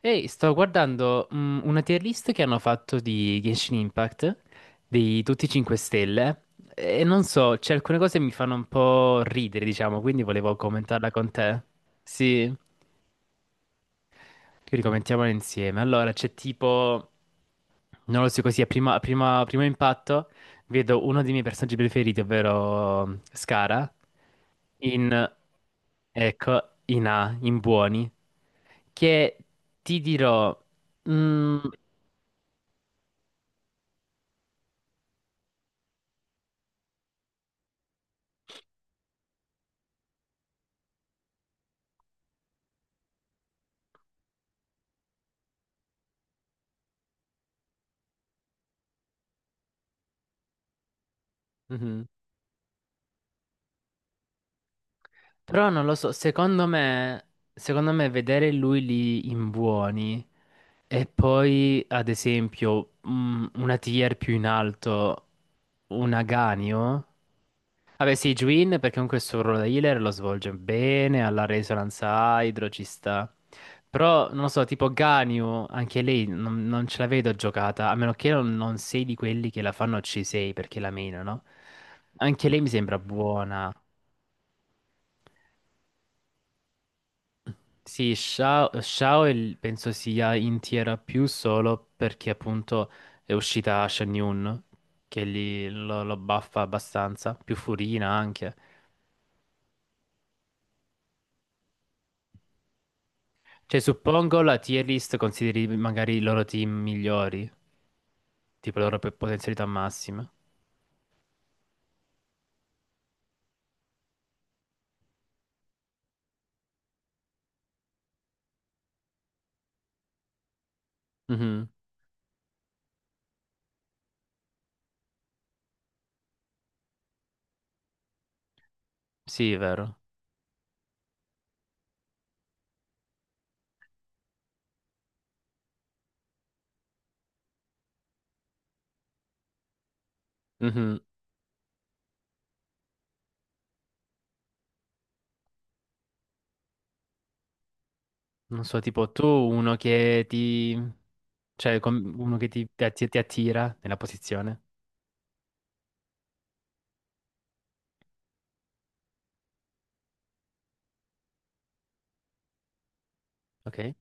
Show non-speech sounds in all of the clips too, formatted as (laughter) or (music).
Ehi, sto guardando una tier list che hanno fatto di Genshin Impact, di tutti i 5 stelle, e non so, c'è alcune cose che mi fanno un po' ridere, diciamo, quindi volevo commentarla con te. Sì, quindi commentiamola insieme. Allora, c'è tipo, non lo so così, a primo impatto vedo uno dei miei personaggi preferiti, ovvero Scara, in... Ecco, in A, in buoni, che ti dirò, mm, Mhm. Però non lo so, secondo me vedere lui lì in buoni e poi, ad esempio, una tier più in alto, un Aganio. Vabbè, sì, Juin perché comunque il suo ruolo da healer lo svolge bene, alla Resonance Hydro ci sta. Però, non lo so, tipo Ganyu, anche lei non ce la vedo giocata, a meno che non sei di quelli che la fanno C6 perché la menano. Anche lei mi sembra buona. Sì, Shao, Shao è penso sia in Tiera più solo perché appunto è uscita Shen Yun, che lì lo buffa abbastanza, più Furina anche. Cioè, suppongo la tier list consideri magari i loro team migliori, tipo le loro potenzialità massime. Mhm. Sì, è vero. Mhm. Non so, tipo tu, uno che cioè uno che ti attira nella posizione, ok?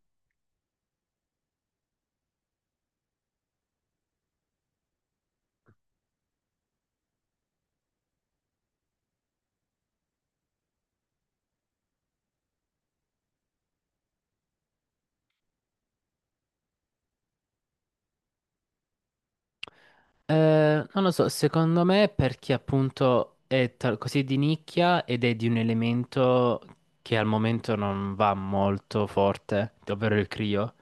Non lo so, secondo me è perché appunto è così di nicchia ed è di un elemento che al momento non va molto forte, ovvero il Crio.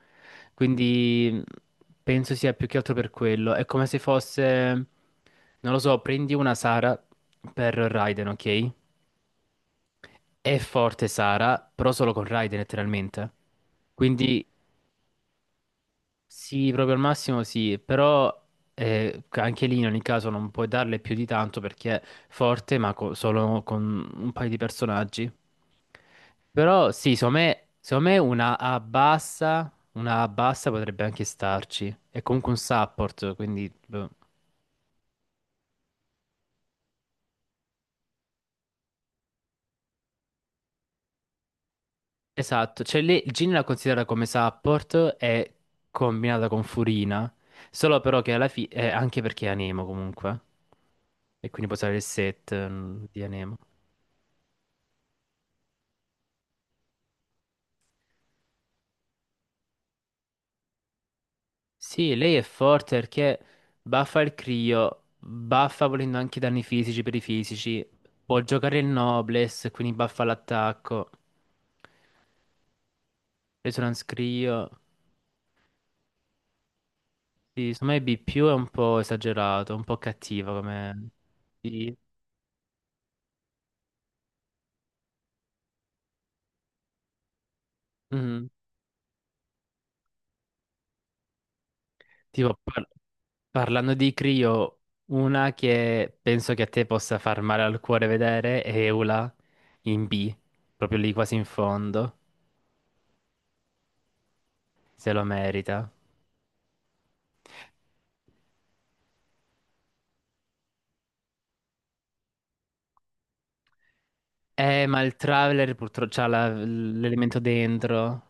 Quindi penso sia più che altro per quello. È come se fosse, non lo so, prendi una Sara per Raiden, ok? È forte Sara, però solo con Raiden letteralmente. Quindi sì, proprio al massimo sì, però anche lì in ogni caso non puoi darle più di tanto perché è forte, ma solo con un paio di personaggi. Però sì, secondo me una A bassa potrebbe anche starci. È comunque un support, quindi, boh. Esatto, cioè lì Jin la considera come support e combinata con Furina, solo però che alla fine. Anche perché è Anemo comunque, e quindi può usare il set di Anemo. Sì, lei è forte perché baffa il Crio, baffa volendo anche i danni fisici per i fisici, può giocare il Noblesse, quindi baffa l'attacco, Resonance Crio. Sì, secondo me B più è un po' esagerato, un po' cattiva come. Sì. Mhm. Tipo, parlando di Crio, una che penso che a te possa far male al cuore vedere è Eula in B, proprio lì quasi in fondo, se lo merita. Ma il Traveler purtroppo c'ha l'elemento dentro.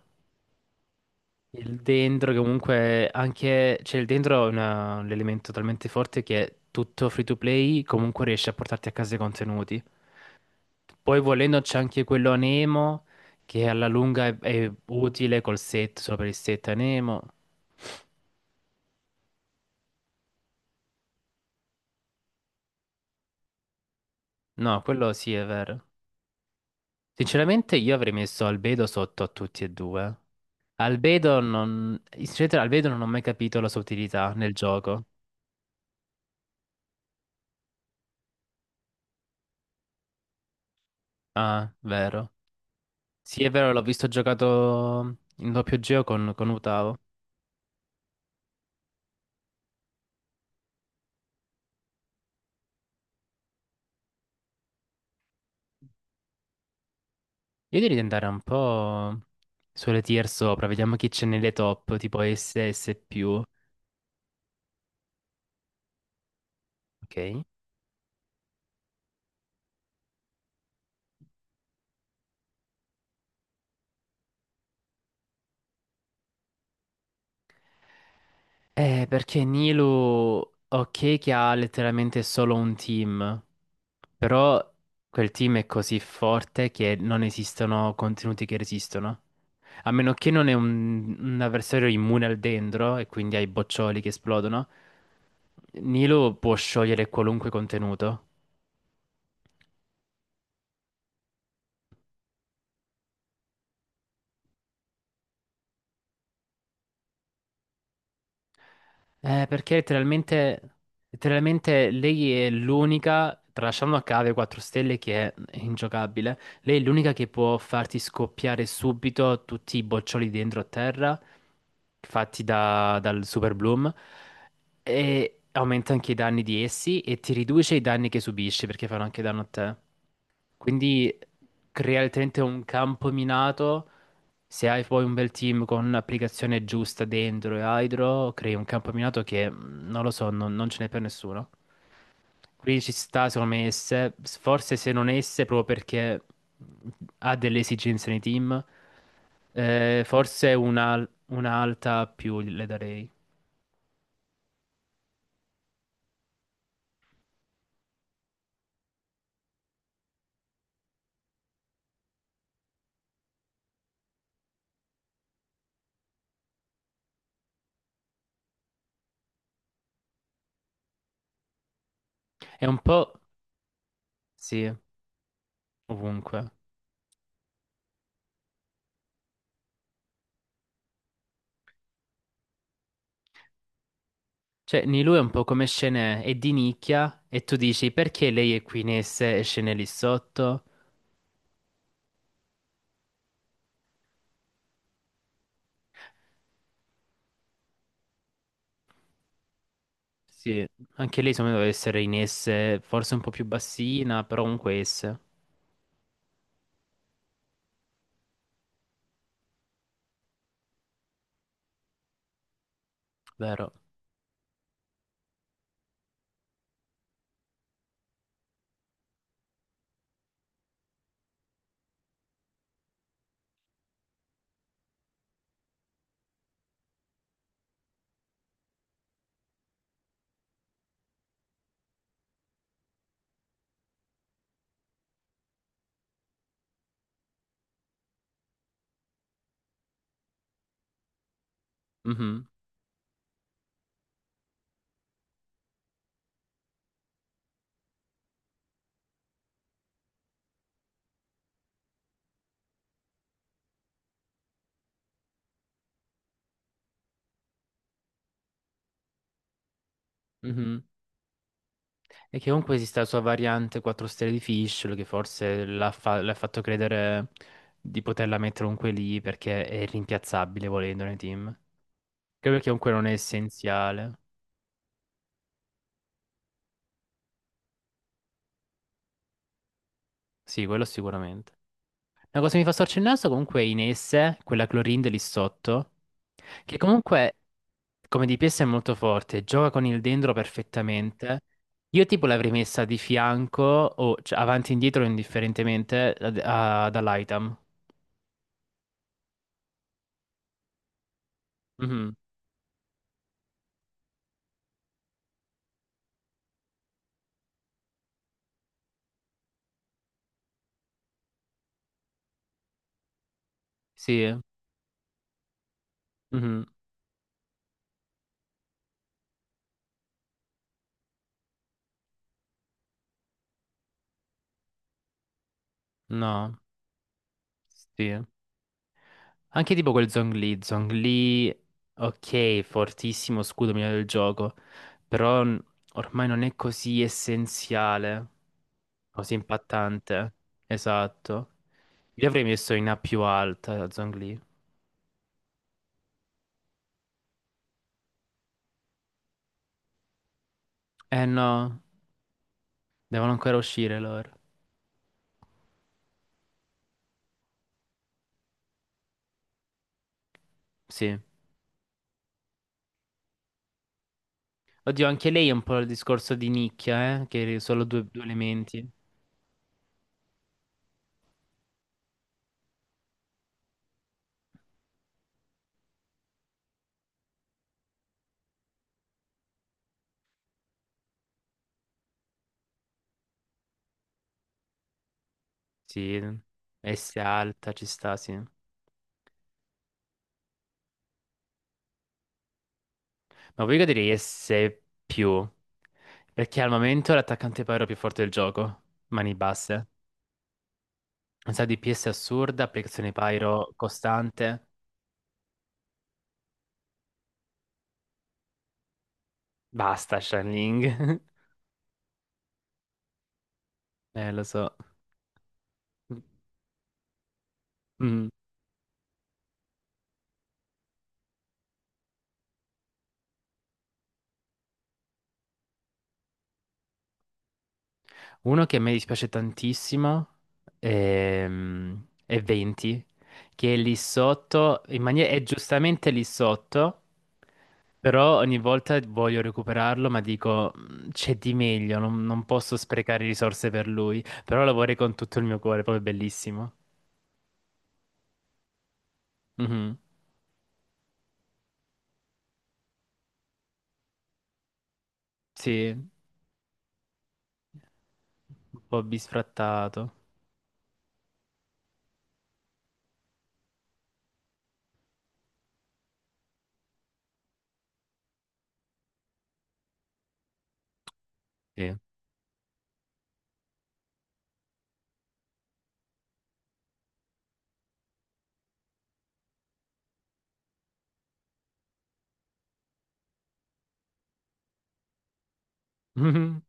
Il dentro che comunque anche. Cioè il dentro è un elemento talmente forte che tutto free to play comunque riesce a portarti a casa i contenuti. Poi volendo c'è anche quello a Nemo che alla lunga è utile col set, solo per il set a Nemo. No, quello sì è vero. Sinceramente io avrei messo Albedo sotto a tutti e due. Albedo non. Sinceramente Albedo non ho mai capito la sua utilità nel gioco. Ah, vero. Sì, è vero, l'ho visto giocato in doppio geo con Utao. Io direi di andare un po' sulle tier sopra, vediamo chi c'è nelle top, tipo SS più. Ok. Perché Nilu, ok, che ha letteralmente solo un team, però quel team è così forte che non esistono contenuti che resistono. A meno che non è un avversario immune al dendro e quindi ai boccioli che esplodono, Nilo può sciogliere qualunque contenuto. Perché letteralmente, letteralmente lei è l'unica, tralasciando a cave 4 stelle che è ingiocabile, lei è l'unica che può farti scoppiare subito tutti i boccioli dentro a terra, fatti dal Super Bloom, e aumenta anche i danni di essi e ti riduce i danni che subisci perché fanno anche danno a te. Quindi crea letteralmente un campo minato. Se hai poi un bel team con un'applicazione giusta dentro e hydro, crei un campo minato che non lo so, non ce n'è per nessuno. Quindi ci sta, secondo me, esse, forse se non esse, proprio perché ha delle esigenze nei team, forse una alta più le darei. È un po', sì, ovunque. Cioè, Nilou è un po' come scene, è di nicchia e tu dici perché lei è qui in esse e scene lì sotto? Sì, anche lei secondo me deve essere in esse, forse un po' più bassina, però comunque esse, vero? Mhm, mhm. E che comunque esista la sua variante 4 stelle di Fischl che forse l'ha fatto credere di poterla mettere comunque lì perché è rimpiazzabile volendo nei team. Anche perché comunque non è essenziale. Sì, quello sicuramente. Una cosa che mi fa storcere il naso comunque è Inesse, quella Clorin lì sotto, che comunque come DPS è molto forte, gioca con il dendro perfettamente. Io tipo l'avrei messa di fianco o cioè, avanti e indietro indifferentemente dall'item. Mhm, sì. Mhm, no. Sì. Anche tipo quel Zhongli, Zhongli, ok, fortissimo scudo migliore del gioco, però ormai non è così essenziale, così impattante. Esatto. Li avrei messo in A più alta, Zhongli. Eh no, devono ancora uscire loro. Sì. Oddio, anche lei è un po' il discorso di nicchia, che è solo due, due elementi. Sì, S alta ci sta, sì. Ma poi io direi S più. Perché al momento è l'attaccante Pyro più forte del gioco. Mani basse. Un sacco di PS assurda, applicazione Pyro costante. Basta, Shanling. (laughs) Lo so. Mm. Uno che a me dispiace tantissimo è, è 20, che è lì sotto, in maniera, è giustamente lì sotto, però ogni volta voglio recuperarlo, ma dico "Mm, c'è di meglio, non posso sprecare risorse per lui, però lo vorrei con tutto il mio cuore, proprio bellissimo. Mhm. Sì, un po' bisfrattato. Sì. Mhm.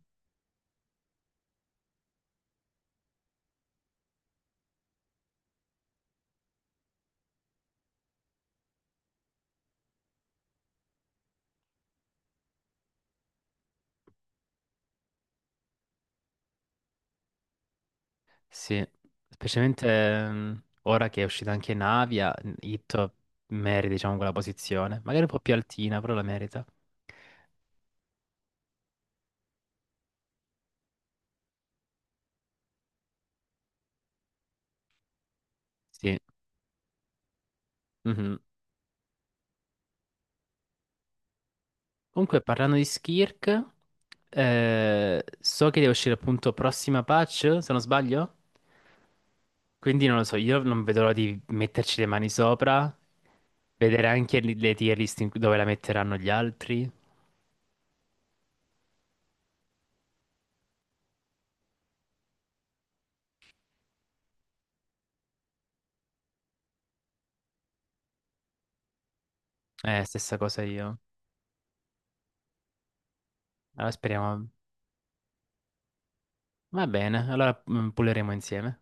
Sì, specialmente ora che è uscita anche Navia, Itto merita, diciamo, quella posizione. Magari un po' più altina, però la merita. Sì. Mhm. Comunque, parlando di Skirk, so che deve uscire appunto prossima patch, se non sbaglio. Quindi non lo so, io non vedo l'ora di metterci le mani sopra, vedere anche le tier list dove la metteranno gli altri. Stessa cosa io. Allora speriamo. Va bene, allora pulleremo insieme.